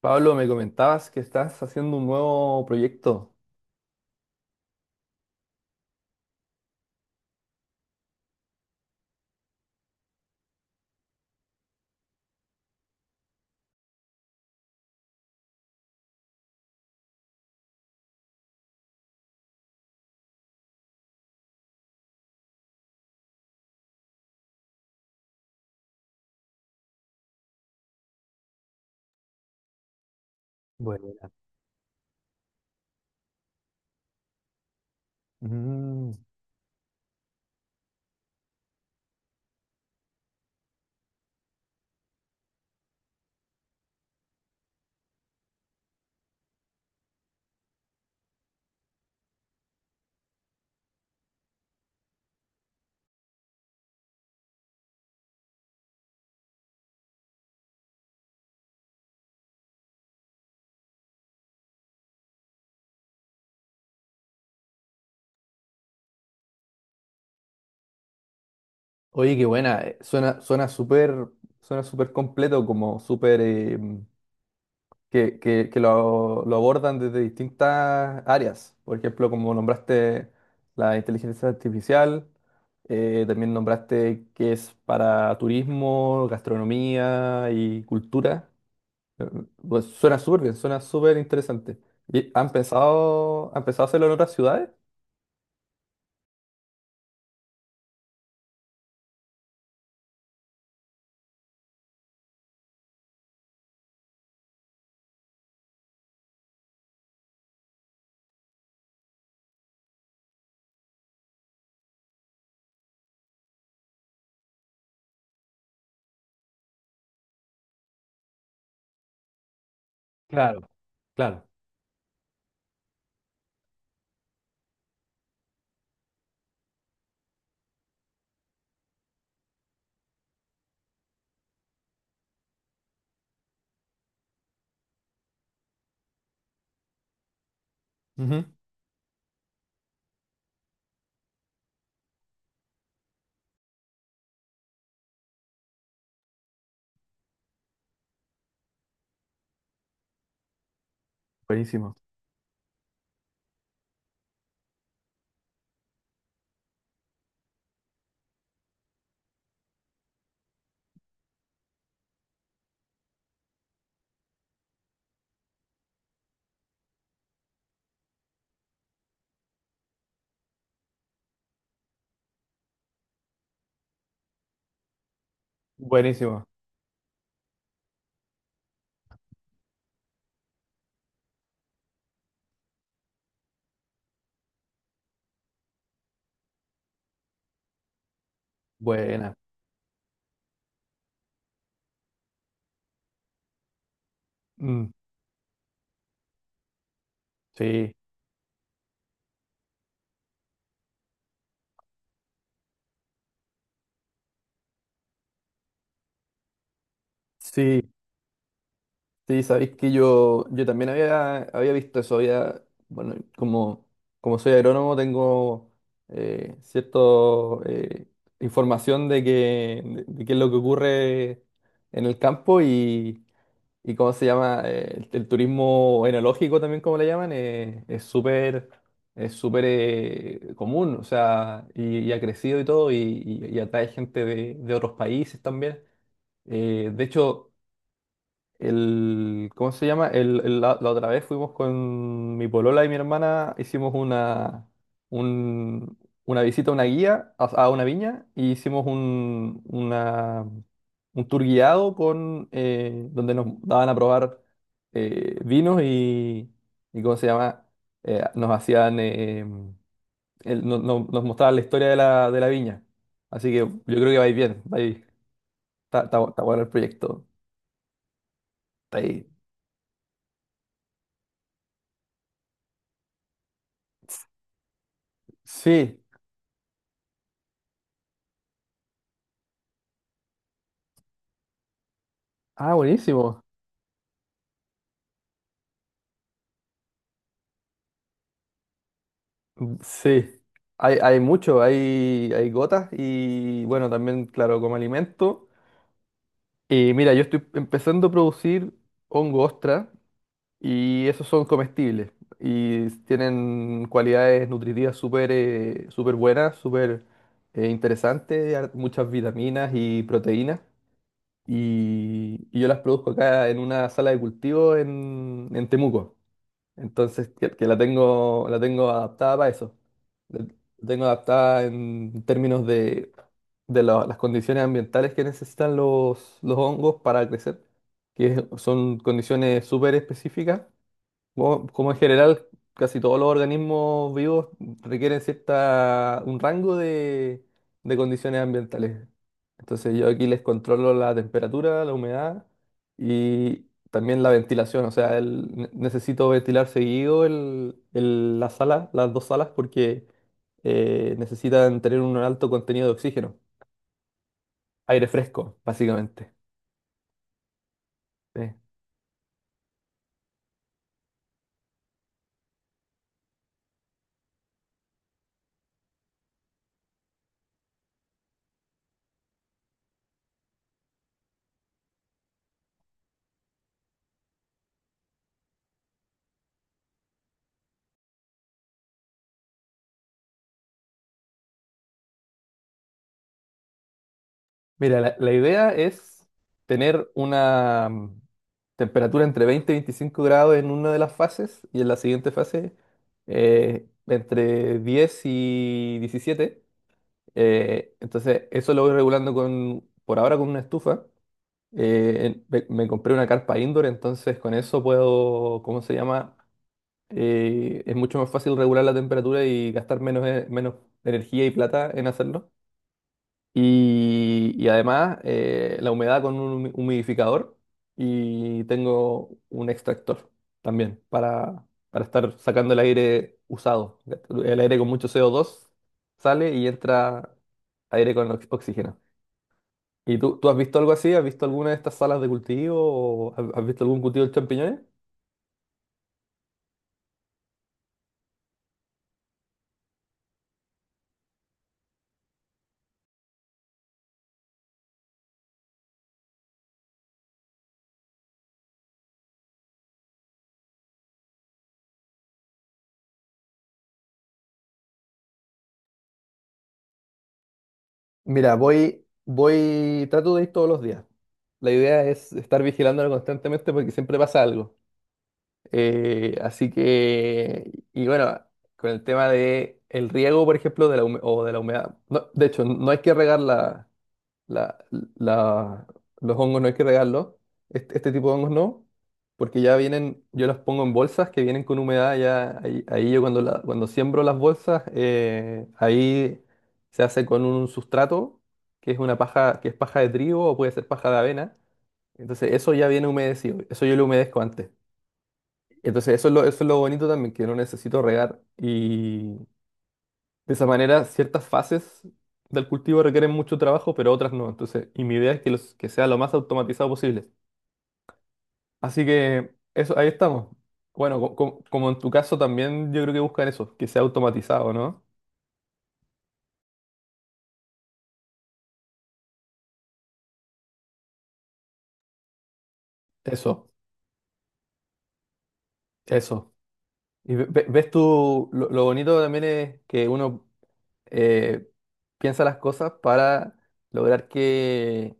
Pablo, me comentabas que estás haciendo un nuevo proyecto. Bueno. Mm. Oye, qué buena. Suena, suena súper completo, como súper que lo abordan desde distintas áreas. Por ejemplo, como nombraste la inteligencia artificial, también nombraste que es para turismo, gastronomía y cultura. Eh, Pues suena súper bien, suena súper interesante. ¿Y han pensado hacerlo en otras ciudades? Claro, claro. Ujú. Buenísimo. Buenísimo. Buena. Mm, sí. Sí, sí, sabéis que yo también había visto eso, había, bueno, como, como soy agrónomo tengo cierta información de, que, de qué es lo que ocurre en el campo y... ¿Y cómo se llama? El turismo enológico también, como le llaman, es súper, es súper común. O sea, y ha crecido y todo, y, y atrae gente de otros países también. De hecho, el, ¿cómo se llama? El, la otra vez fuimos con mi polola y mi hermana, hicimos una, un- una visita a una guía, a una viña, y hicimos un, un tour guiado con, donde nos daban a probar vinos y ¿cómo se llama? Nos hacían, nos mostraban la historia de la viña. Así que yo creo que vais bien, vais, está bueno el proyecto. Está ahí. Sí. Ah, buenísimo. Mm, sí, hay mucho, hay gotas y bueno, también, claro, como alimento. Y mira, yo estoy empezando a producir hongo ostra y esos son comestibles y tienen cualidades nutritivas súper súper buenas, súper interesantes, muchas vitaminas y proteínas. Y yo las produzco acá en una sala de cultivo en Temuco. Entonces, que la tengo adaptada para eso. La tengo adaptada en términos de, las condiciones ambientales que necesitan los hongos para crecer, que son condiciones súper específicas como, como en general, casi todos los organismos vivos requieren cierta, un rango de condiciones ambientales. Entonces yo aquí les controlo la temperatura, la humedad y también la ventilación. O sea, necesito ventilar seguido el, la sala, las dos salas porque necesitan tener un alto contenido de oxígeno, aire fresco, básicamente. ¿Sí? Mira, la idea es tener una temperatura entre 20 y 25 grados en una de las fases y en la siguiente fase entre 10 y 17. Entonces, eso lo voy regulando con, por ahora con una estufa. Me, me compré una carpa indoor, entonces con eso puedo, ¿cómo se llama? Es mucho más fácil regular la temperatura y gastar menos, menos energía y plata en hacerlo. Y además la humedad con un humidificador y tengo un extractor también para estar sacando el aire usado. El aire con mucho CO2 sale y entra aire con oxígeno. ¿Y tú has visto algo así? ¿Has visto alguna de estas salas de cultivo? ¿O has visto algún cultivo de champiñones? Mira, voy, voy, trato de ir todos los días. La idea es estar vigilándolo constantemente porque siempre pasa algo. Así que, y bueno, con el tema de el riego, por ejemplo, de la humedad. No, de hecho, no hay que regar la, la- la- los hongos, no hay que regarlos. Este tipo de hongos no, porque ya vienen, yo los pongo en bolsas que vienen con humedad. Ya ahí, ahí yo cuando, cuando siembro las bolsas, ahí se hace con un sustrato que es una paja, que es paja de trigo o puede ser paja de avena. Entonces, eso ya viene humedecido. Eso yo lo humedezco antes. Entonces, eso es lo bonito también, que no necesito regar. Y de esa manera, ciertas fases del cultivo requieren mucho trabajo, pero otras no. Entonces, y mi idea es que, los, que sea lo más automatizado posible. Así que eso, ahí estamos. Bueno, como en tu caso también yo creo que buscan eso, que sea automatizado, ¿no? Eso, eso. Y ves tú, lo bonito también es que uno eh, piensa las cosas para lograr que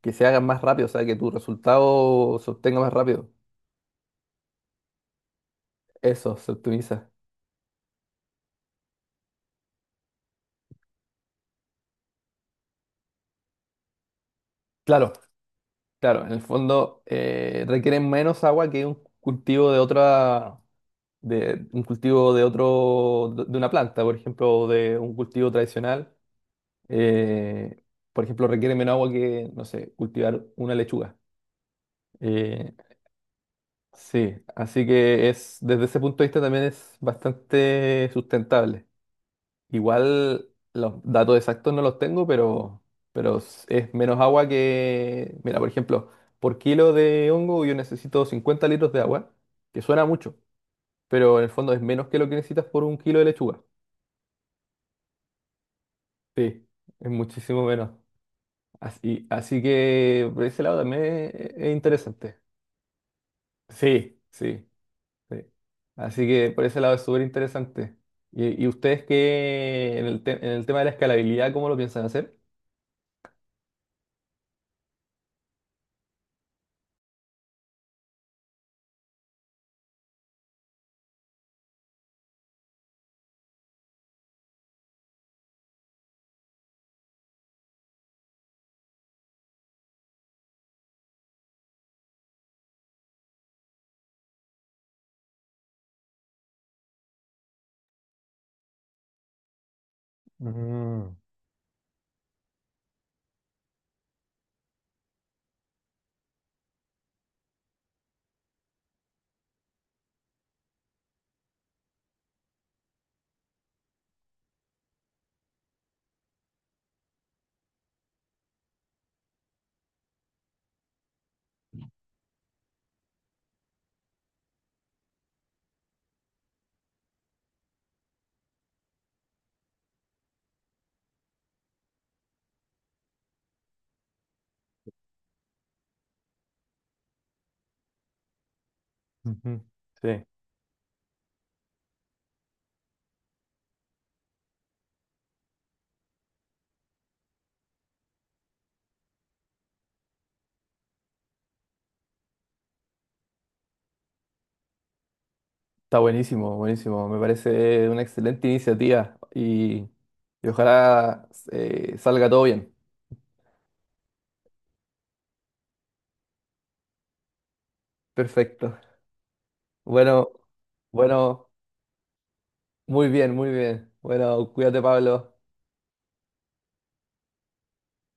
que se hagan más rápido, o sea, que tu resultado se obtenga más rápido. Eso se optimiza. Claro, claro, en el fondo requieren menos agua que un cultivo de otra, de un cultivo de otro, de una planta, por ejemplo, o de un cultivo tradicional. eh, por ejemplo, requiere menos agua que, no sé, cultivar una lechuga. Eh, sí, así que es, desde ese punto de vista también es bastante sustentable. Igual los datos exactos no los tengo, pero, es menos agua que... Mira, por ejemplo, por kilo de hongo yo necesito 50 litros de agua, que suena mucho, pero en el fondo es menos que lo que necesitas por un kilo de lechuga. Sí, es muchísimo menos. Así, así que por ese lado también es interesante. Sí, sí, sí. Así que por ese lado es súper interesante. Y ustedes qué, en el tema de la escalabilidad, cómo lo piensan hacer? Mm, ujú. Sí, está buenísimo, buenísimo. Me parece una excelente iniciativa y ojalá salga todo bien. Perfecto. Bueno, bueno, muy bien, muy bien. Bueno, cuídate, Pablo.